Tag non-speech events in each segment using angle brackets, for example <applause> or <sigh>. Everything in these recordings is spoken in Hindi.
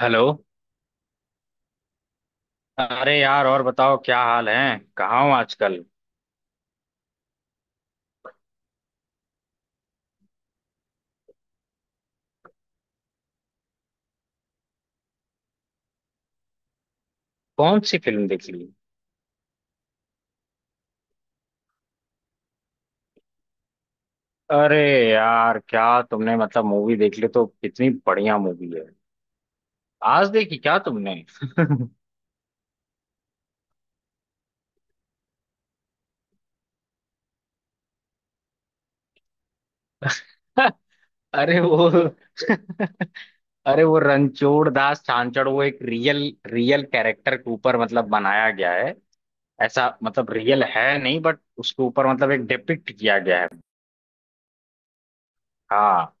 हेलो। अरे यार, और बताओ क्या हाल है, कहाँ हो आजकल। कौन सी फिल्म देख ली। अरे यार क्या! तुमने मतलब मूवी देख ली तो कितनी बढ़िया मूवी है। आज देखी क्या तुमने। <laughs> अरे वो <laughs> अरे वो रणछोड़ दास छांचड़, वो एक रियल रियल कैरेक्टर के ऊपर मतलब बनाया गया है। ऐसा मतलब रियल है नहीं, बट उसके ऊपर मतलब एक डिपिक्ट किया गया है। हाँ।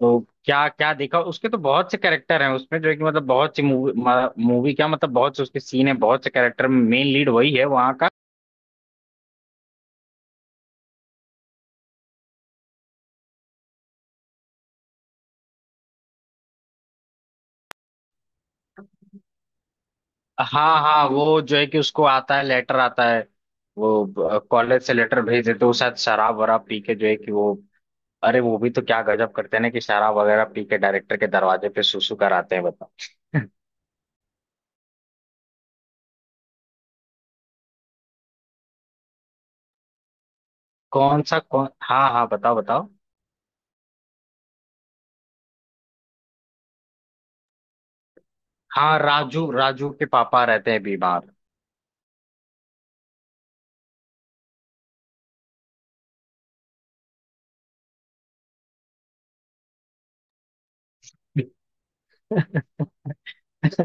तो क्या क्या देखा, उसके तो बहुत से कैरेक्टर हैं उसमें जो है कि मतलब बहुत सी मूवी। मूवी क्या मतलब बहुत से उसके सीन है, बहुत से कैरेक्टर में मेन लीड वही है वहाँ का। हाँ हाँ, वो जो है कि उसको आता है लेटर आता है, वो कॉलेज से लेटर भेज देते, वो शायद शराब वराब पी के जो है कि वो। अरे वो भी तो क्या गजब करते हैं ना, कि शराब वगैरह पी के डायरेक्टर के दरवाजे पे सुसु कराते हैं, बताओ। <laughs> कौन सा, कौन, हाँ हाँ बताओ बताओ। हाँ, राजू। राजू के पापा रहते हैं बीमार। <laughs> तो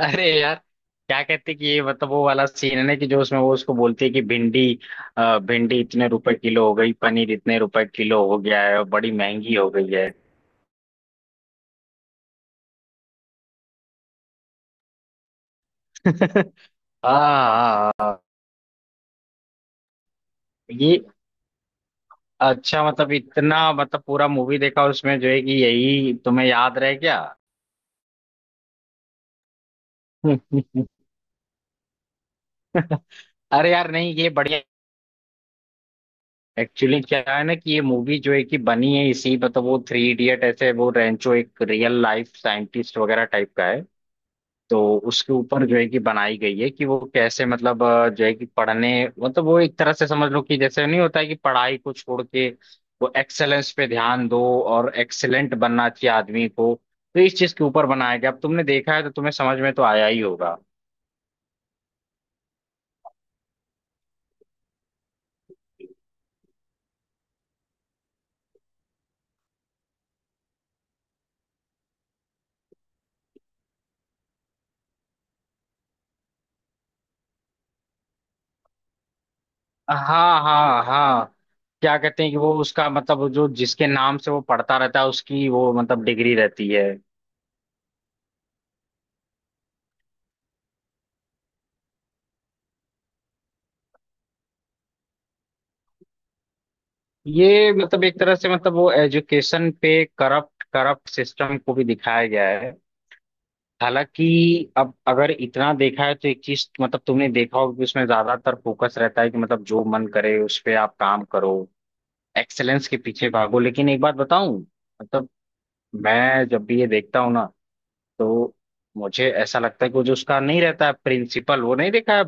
अरे यार, क्या कहते कि ये मतलब वो वाला सीन है ना कि जो उसमें वो उसको बोलती है कि भिंडी भिंडी इतने रुपए किलो हो गई, पनीर इतने रुपए किलो हो गया है, और बड़ी महंगी हो गई है। <laughs> हाँ ये अच्छा, मतलब इतना, मतलब पूरा मूवी देखा उसमें जो है कि यही तुम्हें याद रह गया। <laughs> अरे यार नहीं, ये बढ़िया। एक्चुअली क्या है ना कि ये मूवी जो है कि बनी है इसी मतलब, वो थ्री इडियट ऐसे, वो रेंचो एक रियल लाइफ साइंटिस्ट वगैरह टाइप का है। तो उसके ऊपर जो है कि बनाई गई है, कि वो कैसे मतलब जो है कि पढ़ने, मतलब वो एक तरह से समझ लो कि जैसे नहीं होता है कि पढ़ाई को छोड़ के वो एक्सेलेंस पे ध्यान दो, और एक्सेलेंट बनना चाहिए आदमी को। तो इस चीज के ऊपर बनाया गया, अब तुमने देखा है तो तुम्हें समझ में तो आया ही होगा। हाँ हाँ हाँ। क्या कहते हैं कि वो उसका मतलब जो जिसके नाम से वो पढ़ता रहता है, उसकी वो मतलब डिग्री रहती है। ये मतलब एक तरह से, मतलब वो एजुकेशन पे करप्ट करप्ट सिस्टम को भी दिखाया गया है। हालांकि अब अगर इतना देखा है तो एक चीज मतलब तुमने देखा होगा कि उसमें ज्यादातर फोकस रहता है कि मतलब जो मन करे उस पे आप काम करो। एक्सेलेंस के पीछे भागो, लेकिन एक बात बताऊं, मतलब मैं जब भी ये देखता हूँ ना, तो मुझे ऐसा लगता है कि वो जो उसका नहीं रहता है प्रिंसिपल, वो नहीं देखा है।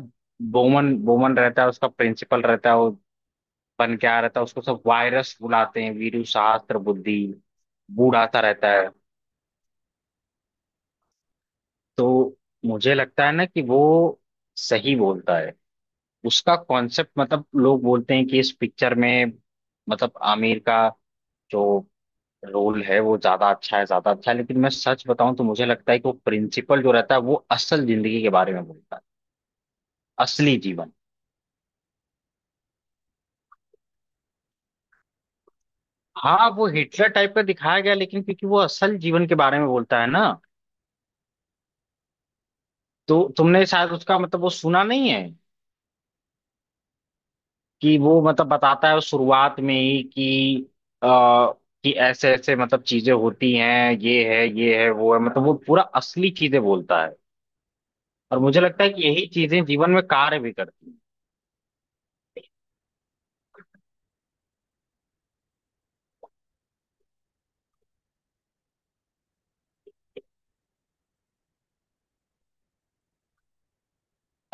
बोमन बोमन रहता है, उसका प्रिंसिपल रहता है वो। बन क्या रहता है, उसको सब वायरस बुलाते हैं, वीरू शास्त्र बुद्धि, बूढ़ा सा रहता है। तो मुझे लगता है ना कि वो सही बोलता है, उसका कॉन्सेप्ट, मतलब लोग बोलते हैं कि इस पिक्चर में मतलब आमिर का जो रोल है वो ज्यादा अच्छा है, ज्यादा अच्छा है, लेकिन मैं सच बताऊं तो मुझे लगता है कि वो प्रिंसिपल जो रहता है वो असल जिंदगी के बारे में बोलता है, असली जीवन। हाँ वो हिटलर टाइप का दिखाया गया, लेकिन क्योंकि वो असल जीवन के बारे में बोलता है ना, तो तुमने शायद उसका मतलब वो सुना नहीं है, कि वो मतलब बताता है शुरुआत में ही कि आ, कि ऐसे ऐसे मतलब चीजें होती हैं, ये है वो है, मतलब वो पूरा असली चीजें बोलता है। और मुझे लगता है कि यही चीजें जीवन में कार्य भी करती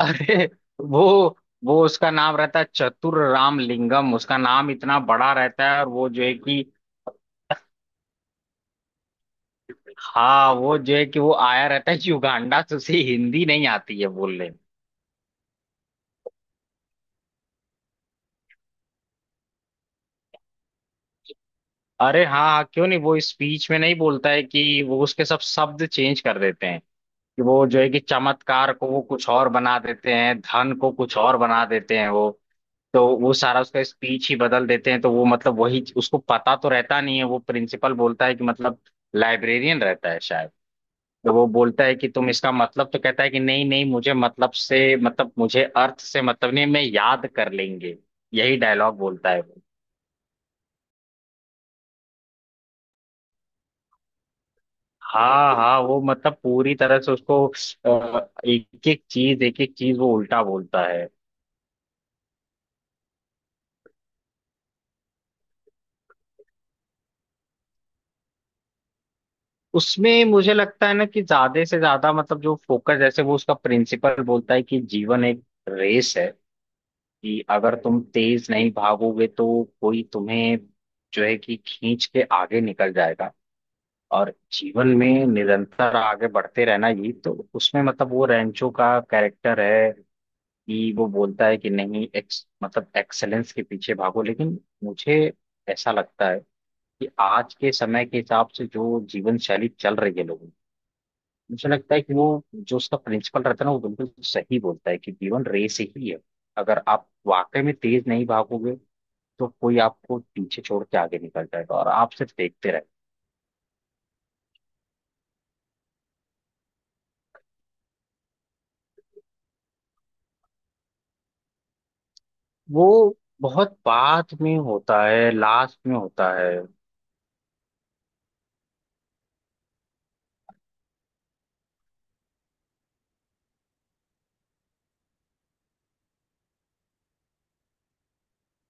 हैं। <laughs> अरे वो वो उसका नाम रहता है चतुर राम लिंगम, उसका नाम इतना बड़ा रहता है, और वो जो है कि। हाँ वो जो है कि वो आया रहता है युगांडा से, उसे हिंदी नहीं आती है बोलने। अरे हाँ हाँ, क्यों नहीं। वो स्पीच में नहीं बोलता है कि वो उसके सब शब्द चेंज कर देते हैं, कि वो जो है कि चमत्कार को वो कुछ और बना देते हैं, धन को कुछ और बना देते हैं वो। तो वो सारा उसका स्पीच ही बदल देते हैं, तो वो मतलब वही उसको पता तो रहता नहीं है, वो प्रिंसिपल बोलता है कि मतलब लाइब्रेरियन रहता है शायद। जब वो बोलता है कि तुम इसका मतलब, तो कहता है कि नहीं नहीं, मुझे मतलब से मतलब, मुझे अर्थ से मतलब नहीं, मैं याद कर लेंगे, यही डायलॉग बोलता है वो। हाँ हाँ वो मतलब पूरी तरह से उसको एक एक चीज, एक एक चीज वो उल्टा बोलता है। उसमें मुझे लगता है ना कि ज्यादा से ज्यादा मतलब जो फोकस, जैसे वो उसका प्रिंसिपल बोलता है कि जीवन एक रेस है, कि अगर तुम तेज नहीं भागोगे तो कोई तुम्हें जो है कि खींच के आगे निकल जाएगा। और जीवन में निरंतर आगे बढ़ते रहना, ये तो उसमें मतलब वो रैंचो का कैरेक्टर है कि वो बोलता है कि नहीं, एक्स मतलब एक्सेलेंस के पीछे भागो, लेकिन मुझे ऐसा लगता है कि आज के समय के हिसाब से जो जीवन शैली चल रही है लोगों की, मुझे लगता है कि वो जो उसका प्रिंसिपल रहता है ना, वो बिल्कुल सही बोलता है कि जीवन रेस ही है। अगर आप वाकई में तेज नहीं भागोगे तो कोई आपको पीछे छोड़ के आगे निकल जाएगा और आप सिर्फ देखते। वो बहुत बात में होता है, लास्ट में होता है।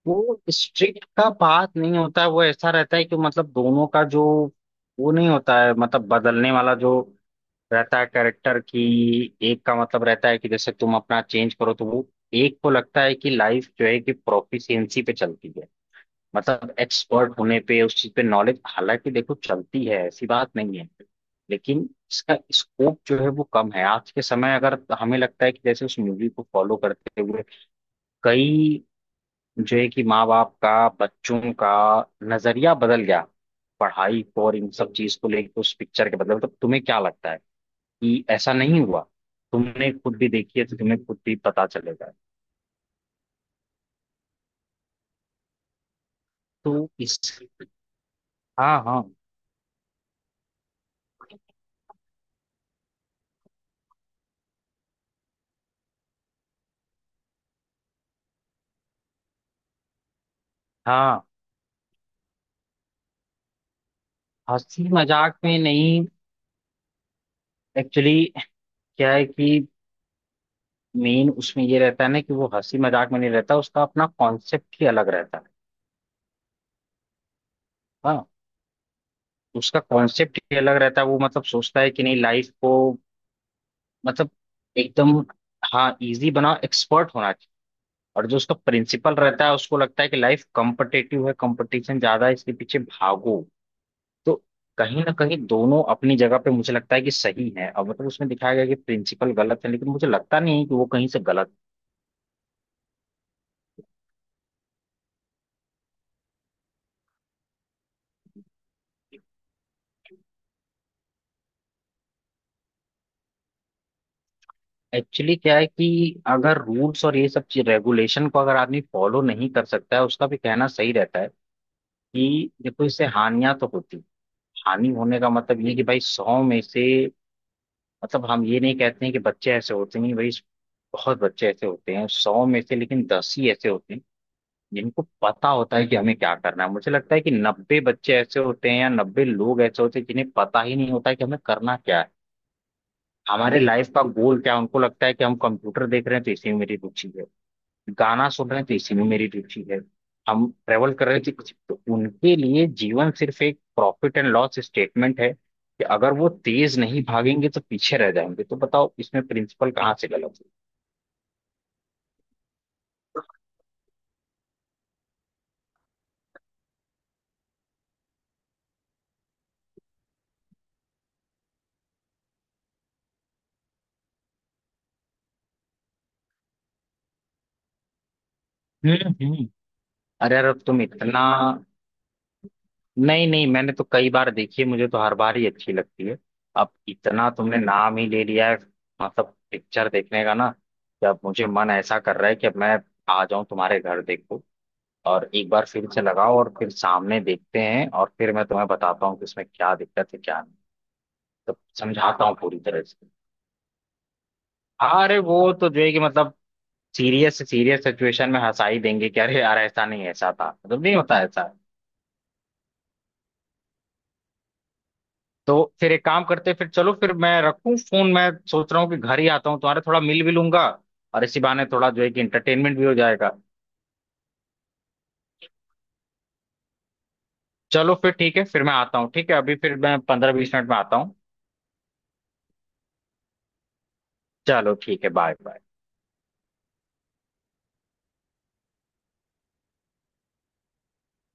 वो स्ट्रिक्ट का बात नहीं होता है, वो ऐसा रहता है कि मतलब दोनों का जो, वो नहीं होता है मतलब बदलने वाला जो रहता है कैरेक्टर की, एक का मतलब रहता है कि जैसे तुम अपना चेंज करो तो वो। एक को लगता है कि लाइफ जो है कि प्रोफिशिएंसी पे चलती है, मतलब एक्सपर्ट होने पे उस चीज पे नॉलेज, हालांकि देखो चलती है ऐसी बात नहीं है। लेकिन इसका स्कोप जो है वो कम है आज के समय, अगर हमें लगता है कि जैसे उस मूवी को फॉलो करते हुए कई जो है कि माँ बाप का बच्चों का नजरिया बदल गया, पढ़ाई को और इन सब चीज को लेकर उस पिक्चर के बदले, तो तुम्हें क्या लगता है कि ऐसा नहीं हुआ। तुमने खुद भी देखी है तो तुम्हें खुद भी पता चलेगा। तो इस। हाँ हाँ हाँ। हंसी मजाक में नहीं, एक्चुअली क्या है कि मेन उसमें ये रहता है ना कि वो हंसी मजाक में नहीं रहता, उसका अपना कॉन्सेप्ट ही अलग रहता है। हाँ, उसका कॉन्सेप्ट ही अलग रहता है, वो मतलब सोचता है कि नहीं लाइफ को मतलब एकदम, हाँ इजी बनाओ, एक्सपर्ट होना चाहिए। और जो उसका प्रिंसिपल रहता है उसको लगता है कि लाइफ कॉम्पिटेटिव है, कंपटीशन ज्यादा है, इसके पीछे भागो। तो कहीं ना कहीं दोनों अपनी जगह पे मुझे लगता है कि सही है, अब मतलब उसमें दिखाया गया कि प्रिंसिपल गलत है, लेकिन मुझे लगता नहीं है कि वो कहीं से गलत है। एक्चुअली क्या है कि अगर रूल्स और ये सब चीज रेगुलेशन को अगर आदमी फॉलो नहीं कर सकता है, उसका भी कहना सही रहता है, कि देखो इससे हानियां तो होती। हानि होने का मतलब ये कि भाई 100 में से, मतलब हम ये नहीं कहते हैं कि बच्चे ऐसे होते नहीं भाई, बहुत बच्चे ऐसे होते हैं 100 में से, लेकिन 10 ही ऐसे होते हैं जिनको पता होता है कि हमें क्या करना है। मुझे लगता है कि 90 बच्चे ऐसे होते हैं या 90 लोग ऐसे होते हैं जिन्हें पता ही नहीं होता है कि हमें करना क्या है। हमारे लाइफ का गोल क्या है, उनको लगता है कि हम कंप्यूटर देख रहे हैं तो इसी में मेरी रुचि है, गाना सुन रहे थे इसी में मेरी रुचि है, हम ट्रेवल कर रहे थे कुछ तो। उनके लिए जीवन सिर्फ एक प्रॉफिट एंड लॉस स्टेटमेंट है कि अगर वो तेज नहीं भागेंगे तो पीछे रह जाएंगे। तो बताओ इसमें प्रिंसिपल कहाँ से गलत है। हम्म हम्म। अरे यार अब तुम इतना। नहीं नहीं, मैंने तो कई बार देखी है, मुझे तो हर बार ही अच्छी लगती है। अब इतना तुमने नाम ही ले लिया है मतलब पिक्चर देखने का, ना कि अब मुझे मन ऐसा कर रहा है कि अब मैं आ जाऊं तुम्हारे घर देखो। और एक बार फिर से लगाओ और फिर सामने देखते हैं और फिर मैं तुम्हें बताता हूँ कि इसमें क्या दिक्कत है क्या नहीं। तो समझाता हूँ पूरी तरह से। अरे वो तो जो है कि मतलब सीरियस सीरियस सिचुएशन में हंसा ही देंगे कि अरे यार ऐसा नहीं, ऐसा था मतलब नहीं होता ऐसा। तो फिर एक काम करते हैं, फिर चलो, फिर मैं रखूँ फोन। मैं सोच रहा हूँ कि घर ही आता हूँ तुम्हारे, थोड़ा मिल भी लूंगा और इसी बहाने थोड़ा जो है कि इंटरटेनमेंट भी हो जाएगा। चलो फिर ठीक है, फिर मैं आता हूँ। ठीक है, अभी फिर मैं 15-20 मिनट में आता हूँ। चलो ठीक है, बाय बाय।